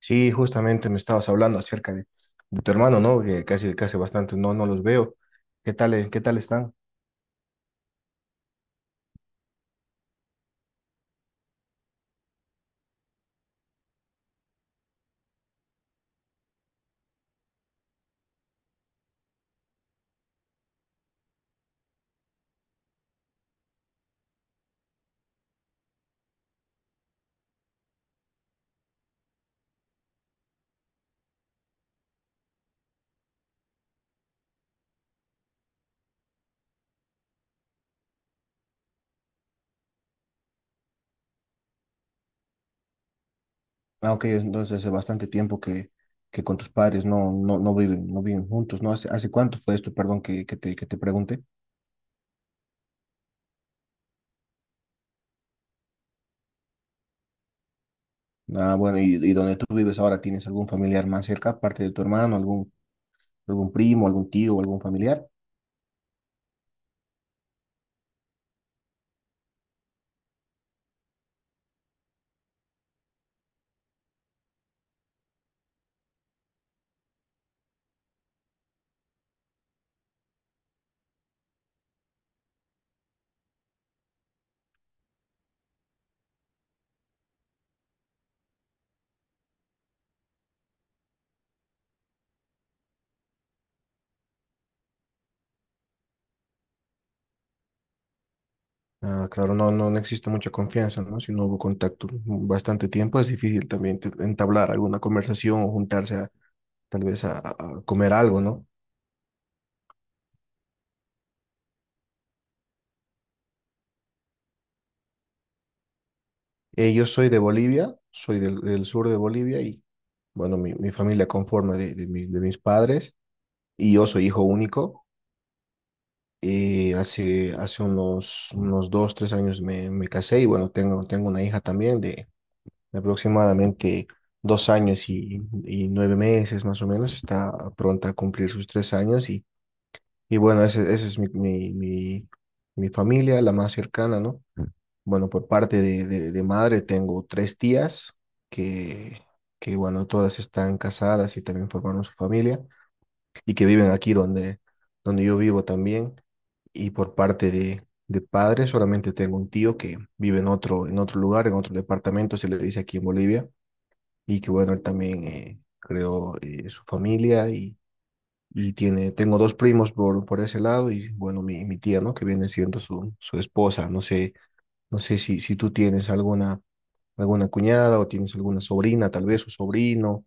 Sí, justamente me estabas hablando acerca de tu hermano, ¿no? Que casi, que hace bastante no los veo. Qué tal están? Ok, entonces hace bastante tiempo que con tus padres no viven, no viven juntos, ¿no? ¿Hace, hace cuánto fue esto, perdón, que te pregunte? Bueno, y donde tú vives ahora, ¿tienes algún familiar más cerca, aparte de tu hermano, algún, algún primo, algún tío, algún familiar? Claro, no existe mucha confianza, ¿no? Si no hubo contacto bastante tiempo, es difícil también entablar alguna conversación o juntarse a tal vez a, comer algo, ¿no? Yo soy de Bolivia, soy del, del sur de Bolivia y, bueno, mi familia conforma de, de mis padres y yo soy hijo único. Y hace, hace unos, unos dos, tres años me, me casé y, bueno, tengo, tengo una hija también de aproximadamente dos años y nueve meses más o menos. Está pronta a cumplir sus tres años y bueno, esa ese ese es mi, mi, mi familia, la más cercana, ¿no? Bueno, por parte de, de madre tengo tres tías que, que, bueno, todas están casadas y también formaron su familia y que viven aquí donde, donde yo vivo también. Y por parte de padre solamente tengo un tío que vive en otro lugar, en otro departamento, se le dice aquí en Bolivia, y que bueno, él también creó su familia y tiene, tengo dos primos por ese lado y bueno, mi tía, ¿no? Que viene siendo su, su esposa, no sé. No sé si, si tú tienes alguna, alguna cuñada o tienes alguna sobrina, tal vez, o sobrino.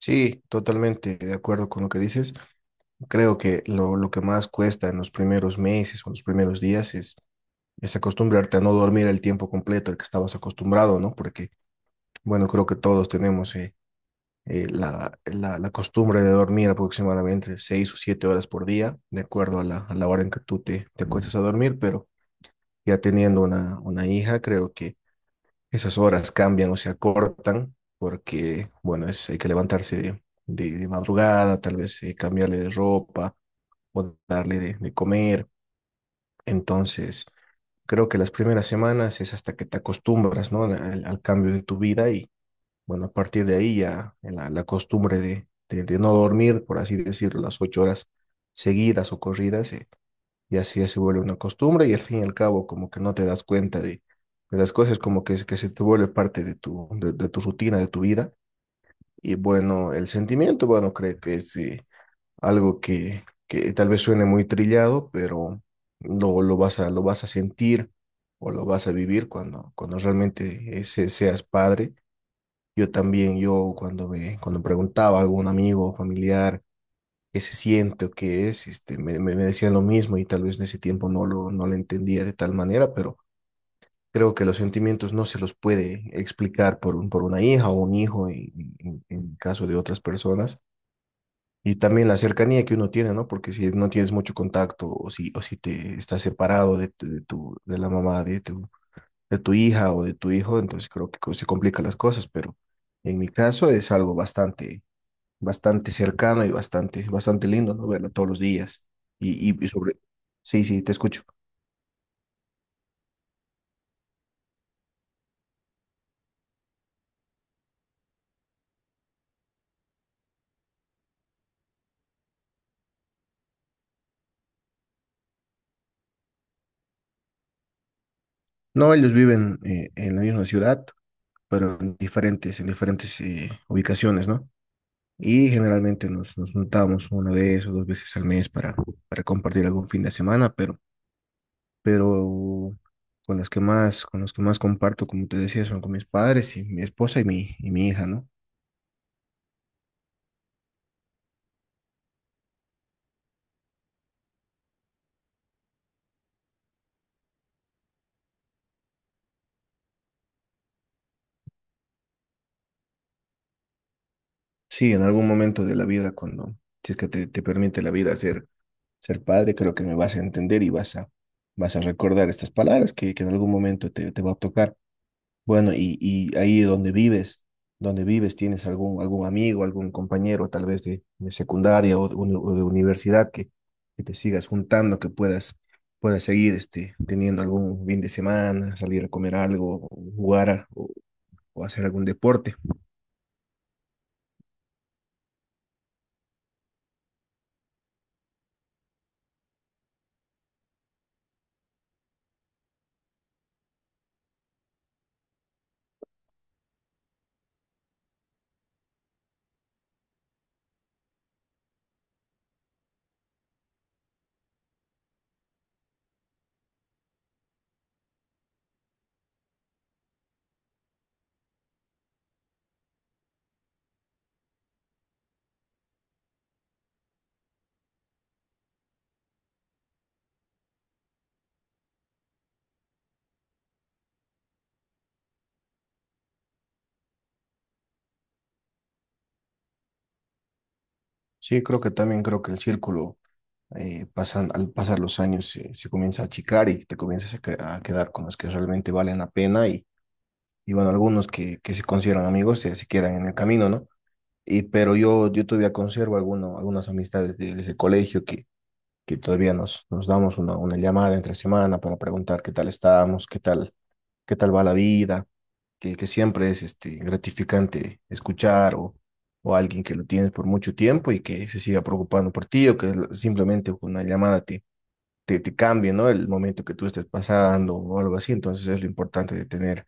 Sí, totalmente de acuerdo con lo que dices. Creo que lo que más cuesta en los primeros meses o los primeros días es acostumbrarte a no dormir el tiempo completo al que estabas acostumbrado, ¿no? Porque, bueno, creo que todos tenemos la, la, la costumbre de dormir aproximadamente seis o siete horas por día, de acuerdo a la hora en que tú te, te acuestas a dormir, pero ya teniendo una hija, creo que esas horas cambian o se acortan porque, bueno, es, hay que levantarse de, de madrugada, tal vez cambiarle de ropa o darle de comer. Entonces, creo que las primeras semanas es hasta que te acostumbras, ¿no? Al, al cambio de tu vida y, bueno, a partir de ahí ya la costumbre de, de no dormir, por así decirlo, las ocho horas seguidas o corridas, y así ya se vuelve una costumbre y al fin y al cabo como que no te das cuenta de las cosas, como que se te vuelve parte de tu rutina, de tu vida. Y bueno, el sentimiento, bueno, creo que es algo que tal vez suene muy trillado, pero lo vas a sentir o lo vas a vivir cuando, cuando realmente seas padre. Yo también, yo cuando me, cuando preguntaba a algún amigo o familiar, qué se siente o qué es, este, me decían lo mismo y tal vez en ese tiempo no lo, no lo entendía de tal manera, pero creo que los sentimientos no se los puede explicar por, un, por una hija o un hijo en caso de otras personas. Y también la cercanía que uno tiene, ¿no? Porque si no tienes mucho contacto o si te estás separado de, de, tu, de la mamá de tu hija o de tu hijo, entonces creo que se complican las cosas, pero en mi caso es algo bastante bastante cercano y bastante, bastante lindo, ¿no? Verlo todos los días. Y sobre... Sí, sí, te escucho. No, ellos viven en la misma ciudad, pero en diferentes ubicaciones, ¿no? Y generalmente nos, nos juntamos una vez o dos veces al mes para compartir algún fin de semana, pero con las que más, con los que más comparto, como te decía, son con mis padres y mi esposa y mi hija, ¿no? Sí, en algún momento de la vida, cuando, si es que te permite la vida hacer ser padre, creo que me vas a entender y vas a, vas a recordar estas palabras que en algún momento te, te va a tocar. Bueno, y ahí donde vives, tienes algún, algún amigo, algún compañero, tal vez de secundaria o de, o de universidad que te sigas juntando, que puedas, puedas seguir este, teniendo algún fin de semana, salir a comer algo, o jugar a- o, o hacer algún deporte. Sí, creo que también creo que el círculo pasan, al pasar los años se, se comienza a achicar y te comienzas a, a quedar con los que realmente valen la pena y bueno, algunos que se consideran amigos se, se quedan en el camino, ¿no? Y, pero yo todavía conservo alguno, algunas amistades desde el colegio que todavía nos, nos damos una llamada entre semana para preguntar qué tal estamos, qué tal va la vida, que siempre es este, gratificante escuchar o alguien que lo tienes por mucho tiempo y que se siga preocupando por ti o que simplemente con una llamada te cambie, ¿no? El momento que tú estés pasando o algo así. Entonces es lo importante de tener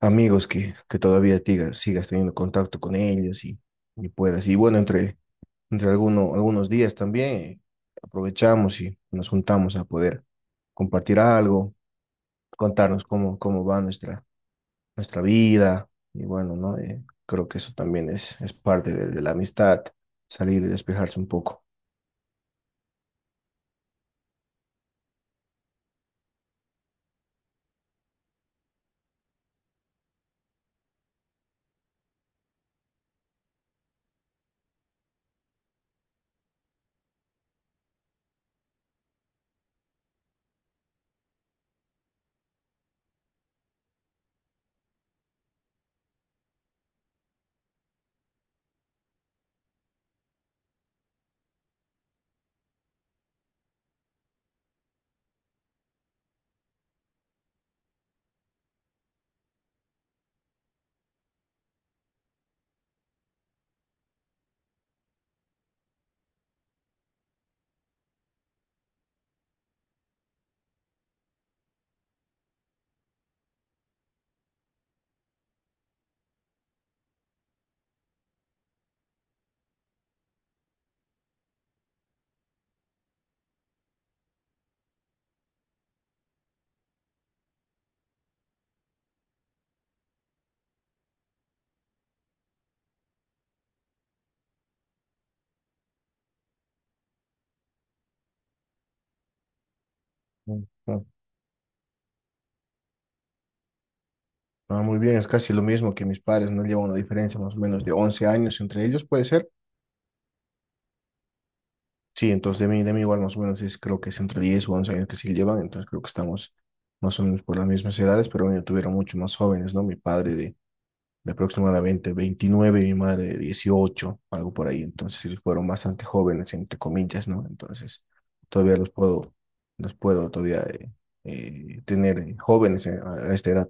amigos que todavía sigas teniendo contacto con ellos y puedas. Y bueno, entre, entre algunos días también aprovechamos y nos juntamos a poder compartir algo, contarnos cómo, cómo va nuestra, nuestra vida. Y bueno, ¿no? Creo que eso también es parte de la amistad, salir y despejarse un poco. Mm. Ah, muy bien, es casi lo mismo que mis padres, no llevan una diferencia más o menos de 11 años entre ellos, puede ser. Sí, entonces de mí igual más o menos es, creo que es entre 10 o 11 años que sí llevan, entonces creo que estamos más o menos por las mismas edades, pero bueno, tuvieron mucho más jóvenes, ¿no? Mi padre de aproximadamente 29 y mi madre de 18, algo por ahí, entonces ellos fueron bastante jóvenes, entre comillas, ¿no? Entonces todavía los puedo todavía tener jóvenes a esta edad.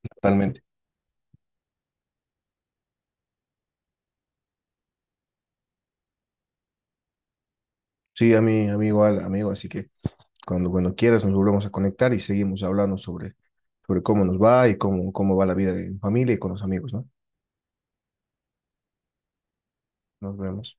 Totalmente. Sí, a mí igual, amigo, así que cuando, cuando quieras nos volvemos a conectar y seguimos hablando sobre, sobre cómo nos va y cómo, cómo va la vida en familia y con los amigos, ¿no? Nos vemos.